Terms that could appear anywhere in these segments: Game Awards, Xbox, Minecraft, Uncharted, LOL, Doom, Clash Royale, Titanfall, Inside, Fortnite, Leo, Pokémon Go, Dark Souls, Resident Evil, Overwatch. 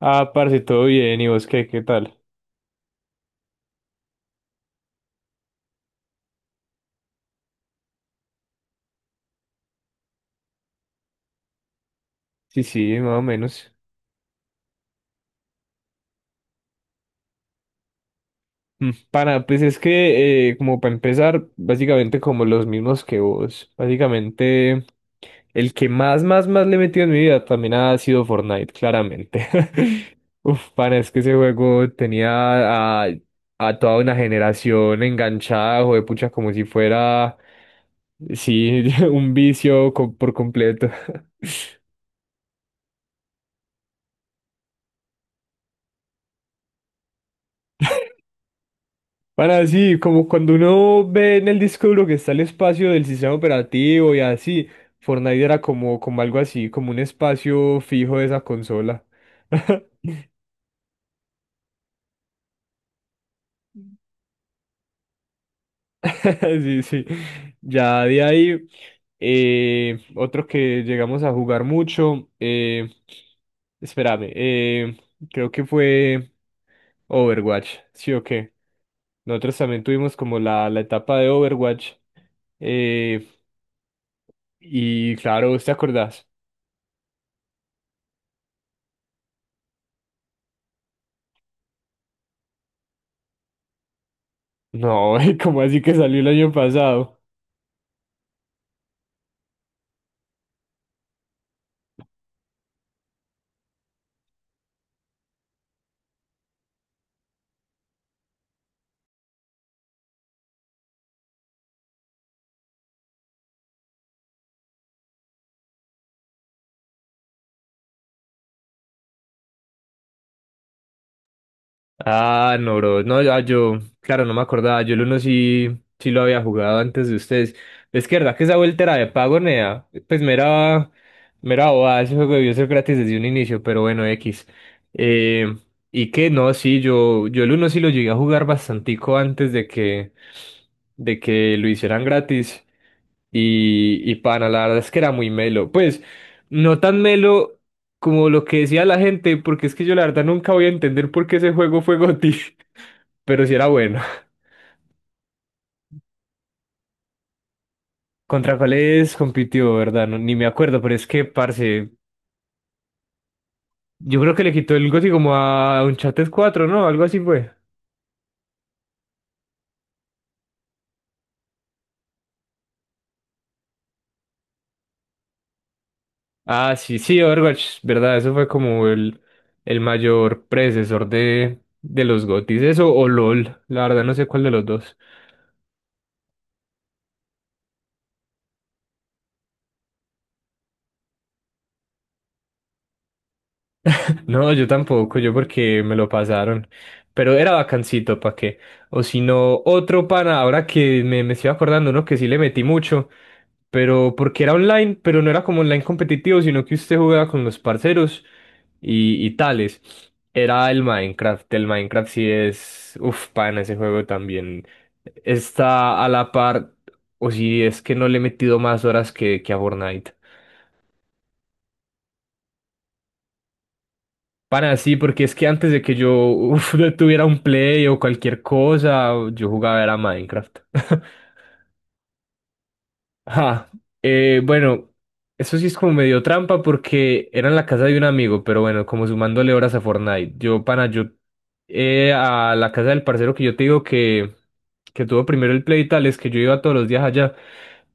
Ah, parce, todo bien, ¿y vos qué tal? Sí, sí, más o menos. Pana, pues es que, como para empezar, básicamente como los mismos que vos. Básicamente, el que más le he metido en mi vida también ha sido Fortnite, claramente. Uf, pana, es que ese juego tenía a, a toda una generación enganchada, de pucha, como si fuera, sí, un vicio por completo. Para así, como cuando uno ve en el disco duro que está el espacio del sistema operativo y así, Fortnite era como algo así, como un espacio fijo de esa consola. Sí, sí. Ya de ahí, otro que llegamos a jugar mucho, espérame, creo que fue Overwatch, ¿sí o qué? Nosotros también tuvimos como la etapa de Overwatch. eh, y claro, ¿vos ¿te acordás? No, ¿cómo así que salió el año pasado? Ah, no, bro. No, ya yo, claro, no me acordaba. Yo el uno sí, sí lo había jugado antes de ustedes. Es que verdad que esa vuelta era de pago, nea. Pues mera bobada, ese juego debió ser gratis desde un inicio, pero bueno, X. Eh, y que no, sí, yo el uno sí lo llegué a jugar bastantico antes de que lo hicieran gratis. Y pana, la verdad es que era muy melo. Pues, no tan melo como lo que decía la gente, porque es que yo la verdad nunca voy a entender por qué ese juego fue GOTY, pero sí era bueno. ¿Contra cuáles compitió, verdad? No, ni me acuerdo, pero es que, parce, yo creo que le quitó el GOTY como a Uncharted cuatro, ¿no? Algo así fue. Ah, sí, sí, Overwatch, verdad, eso fue como el mayor predecesor de los GOTYs, eso o LOL, la verdad no sé cuál de los dos. No, yo tampoco, yo porque me lo pasaron. Pero era bacancito, ¿para qué? O si no, otro pana, ahora que me estoy acordando, uno que sí le metí mucho, pero porque era online, pero no era como online competitivo, sino que usted jugaba con los parceros y tales. Era el Minecraft sí es, uf, pana, ese juego también está a la par, o si es que no le he metido más horas que a Fortnite. Para sí, porque es que antes de que yo uf, tuviera un Play o cualquier cosa, yo jugaba era Minecraft. Ah, bueno, eso sí es como medio trampa porque era en la casa de un amigo, pero bueno, como sumándole horas a Fortnite. Yo, pana, yo a la casa del parcero que yo te digo que tuvo primero el Play y tal, es que yo iba todos los días allá.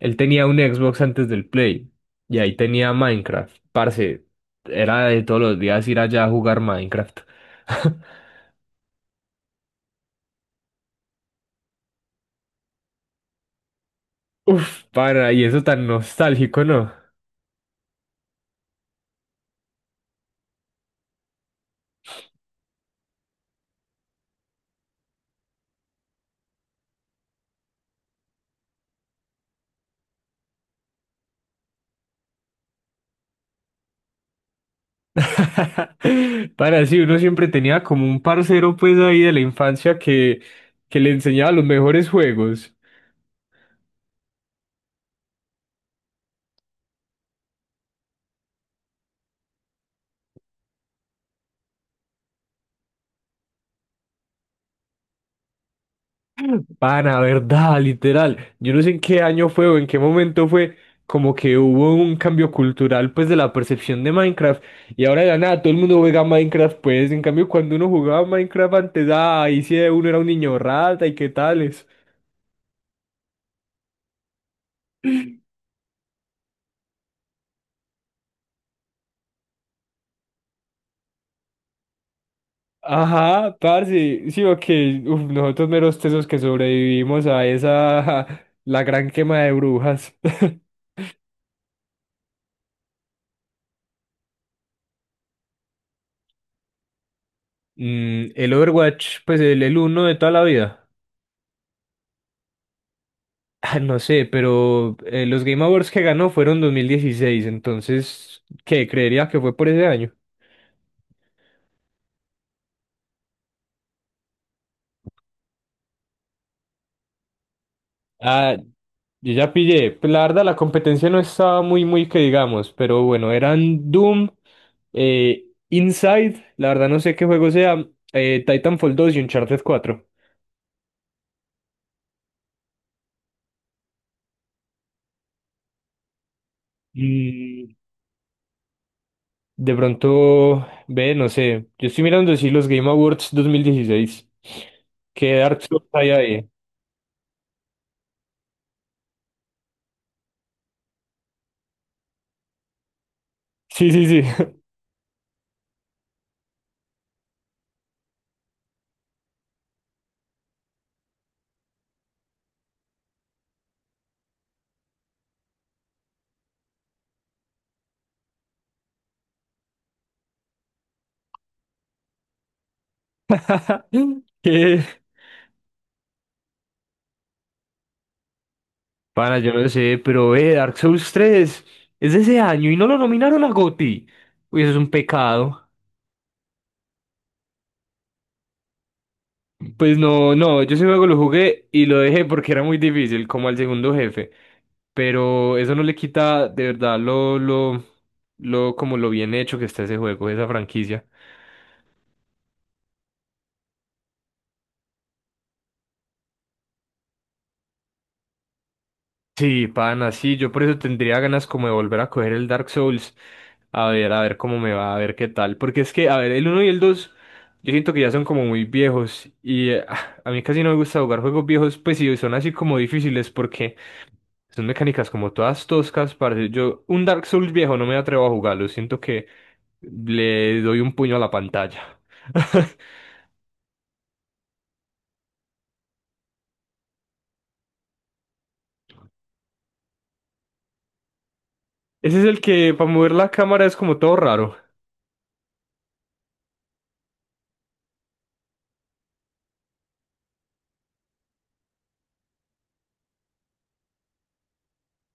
Él tenía un Xbox antes del Play y ahí tenía Minecraft. Parce, era de todos los días ir allá a jugar Minecraft. Uf, para, y eso tan nostálgico, ¿no? Para, sí, uno siempre tenía como un parcero pues ahí de la infancia que le enseñaba los mejores juegos. Para, verdad, literal. Yo no sé en qué año fue o en qué momento fue como que hubo un cambio cultural pues de la percepción de Minecraft. Y ahora de la nada todo el mundo juega Minecraft pues. En cambio, cuando uno jugaba Minecraft antes, ah, ahí sí uno era un niño rata y qué tales. Ajá, parce, sí, ok, uf, nosotros meros tesos que sobrevivimos a esa, la gran quema de brujas. El Overwatch, pues el uno de toda la vida. Ah, no sé, pero los Game Awards que ganó fueron 2016, entonces, ¿qué? Creería que fue por ese año. Ah, yo ya pillé. Pues la verdad, la competencia no estaba muy, muy que digamos, pero bueno, eran Doom, eh, Inside, la verdad no sé qué juego sea, Titanfall dos y Uncharted cuatro. Mm, De pronto, ve, no sé. Yo estoy mirando si los Game Awards 2016. ¿Qué Dark Souls hay ahí? Sí, sí, sí. ¿Qué? Pana, yo no sé, pero ve, Dark Souls tres es de ese año y no lo nominaron a GOTY. Uy, eso es un pecado. Pues no, no, yo ese juego lo jugué y lo dejé porque era muy difícil, como al segundo jefe. Pero eso no le quita de verdad lo, como lo bien hecho que está ese juego, esa franquicia. Sí, pana, sí, yo por eso tendría ganas como de volver a coger el Dark Souls, a ver cómo me va, a ver qué tal, porque es que, a ver, el uno y el 2, yo siento que ya son como muy viejos, y a mí casi no me gusta jugar juegos viejos, pues sí, son así como difíciles, porque son mecánicas como todas toscas, parce, un Dark Souls viejo no me atrevo a jugarlo, siento que le doy un puño a la pantalla. Ese es el que, para mover la cámara, es como todo raro.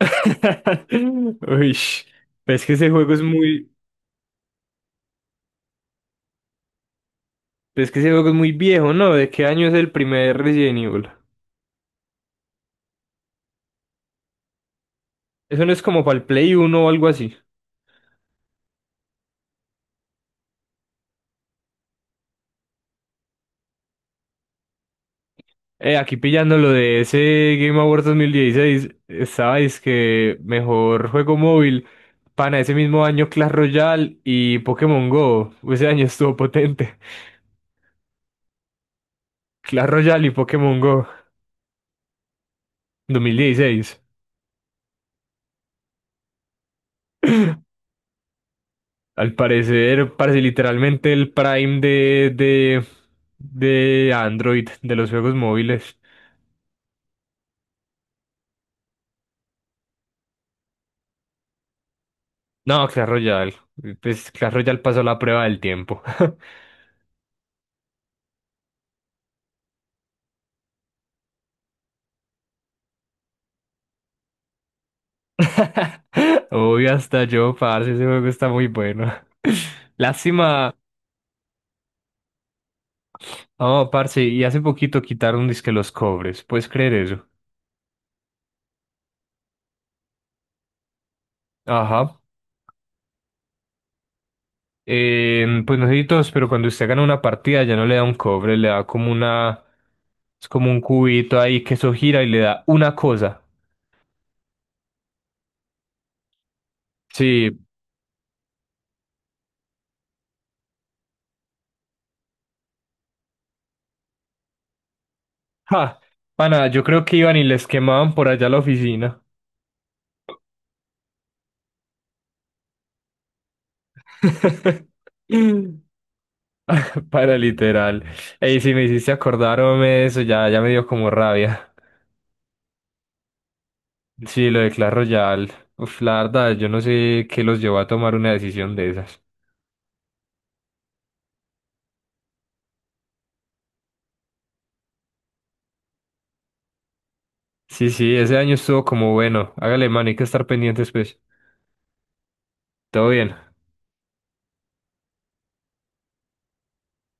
Uy, es que ese juego es muy. Pero es que ese juego es muy viejo, ¿no? ¿De qué año es el primer Resident Evil? Eso no es como para el Play Uno o algo así. Aquí pillando lo de ese Game Awards 2016, estaba que mejor juego móvil. Pana, ese mismo año Clash Royale y Pokémon Go. Ese año estuvo potente. Clash Royale y Pokémon Go 2016. Al parecer, parece literalmente el prime de Android, de los juegos móviles. No, Clash Royale. Pues Clash Royale pasó la prueba del tiempo. Uy, hasta yo, parce, ese juego está muy bueno. Lástima. Oh, parce, y hace poquito quitaron disque los cobres. ¿Puedes creer eso? Ajá. Pues no sé si todos, pero cuando usted gana una partida ya no le da un cobre, le da como una. Es como un cubito ahí que eso gira y le da una cosa. Sí. Ja. Pana, yo creo que iban y les quemaban por allá la oficina. Para literal. Ey, si me hiciste acordarme de eso, ya, ya me dio como rabia. Sí, lo de Clash Royale. Uf, la verdad, yo no sé qué los llevó a tomar una decisión de esas. Sí, sí, ese año estuvo como bueno. Hágale, mano, hay que estar pendientes, pues. Todo bien.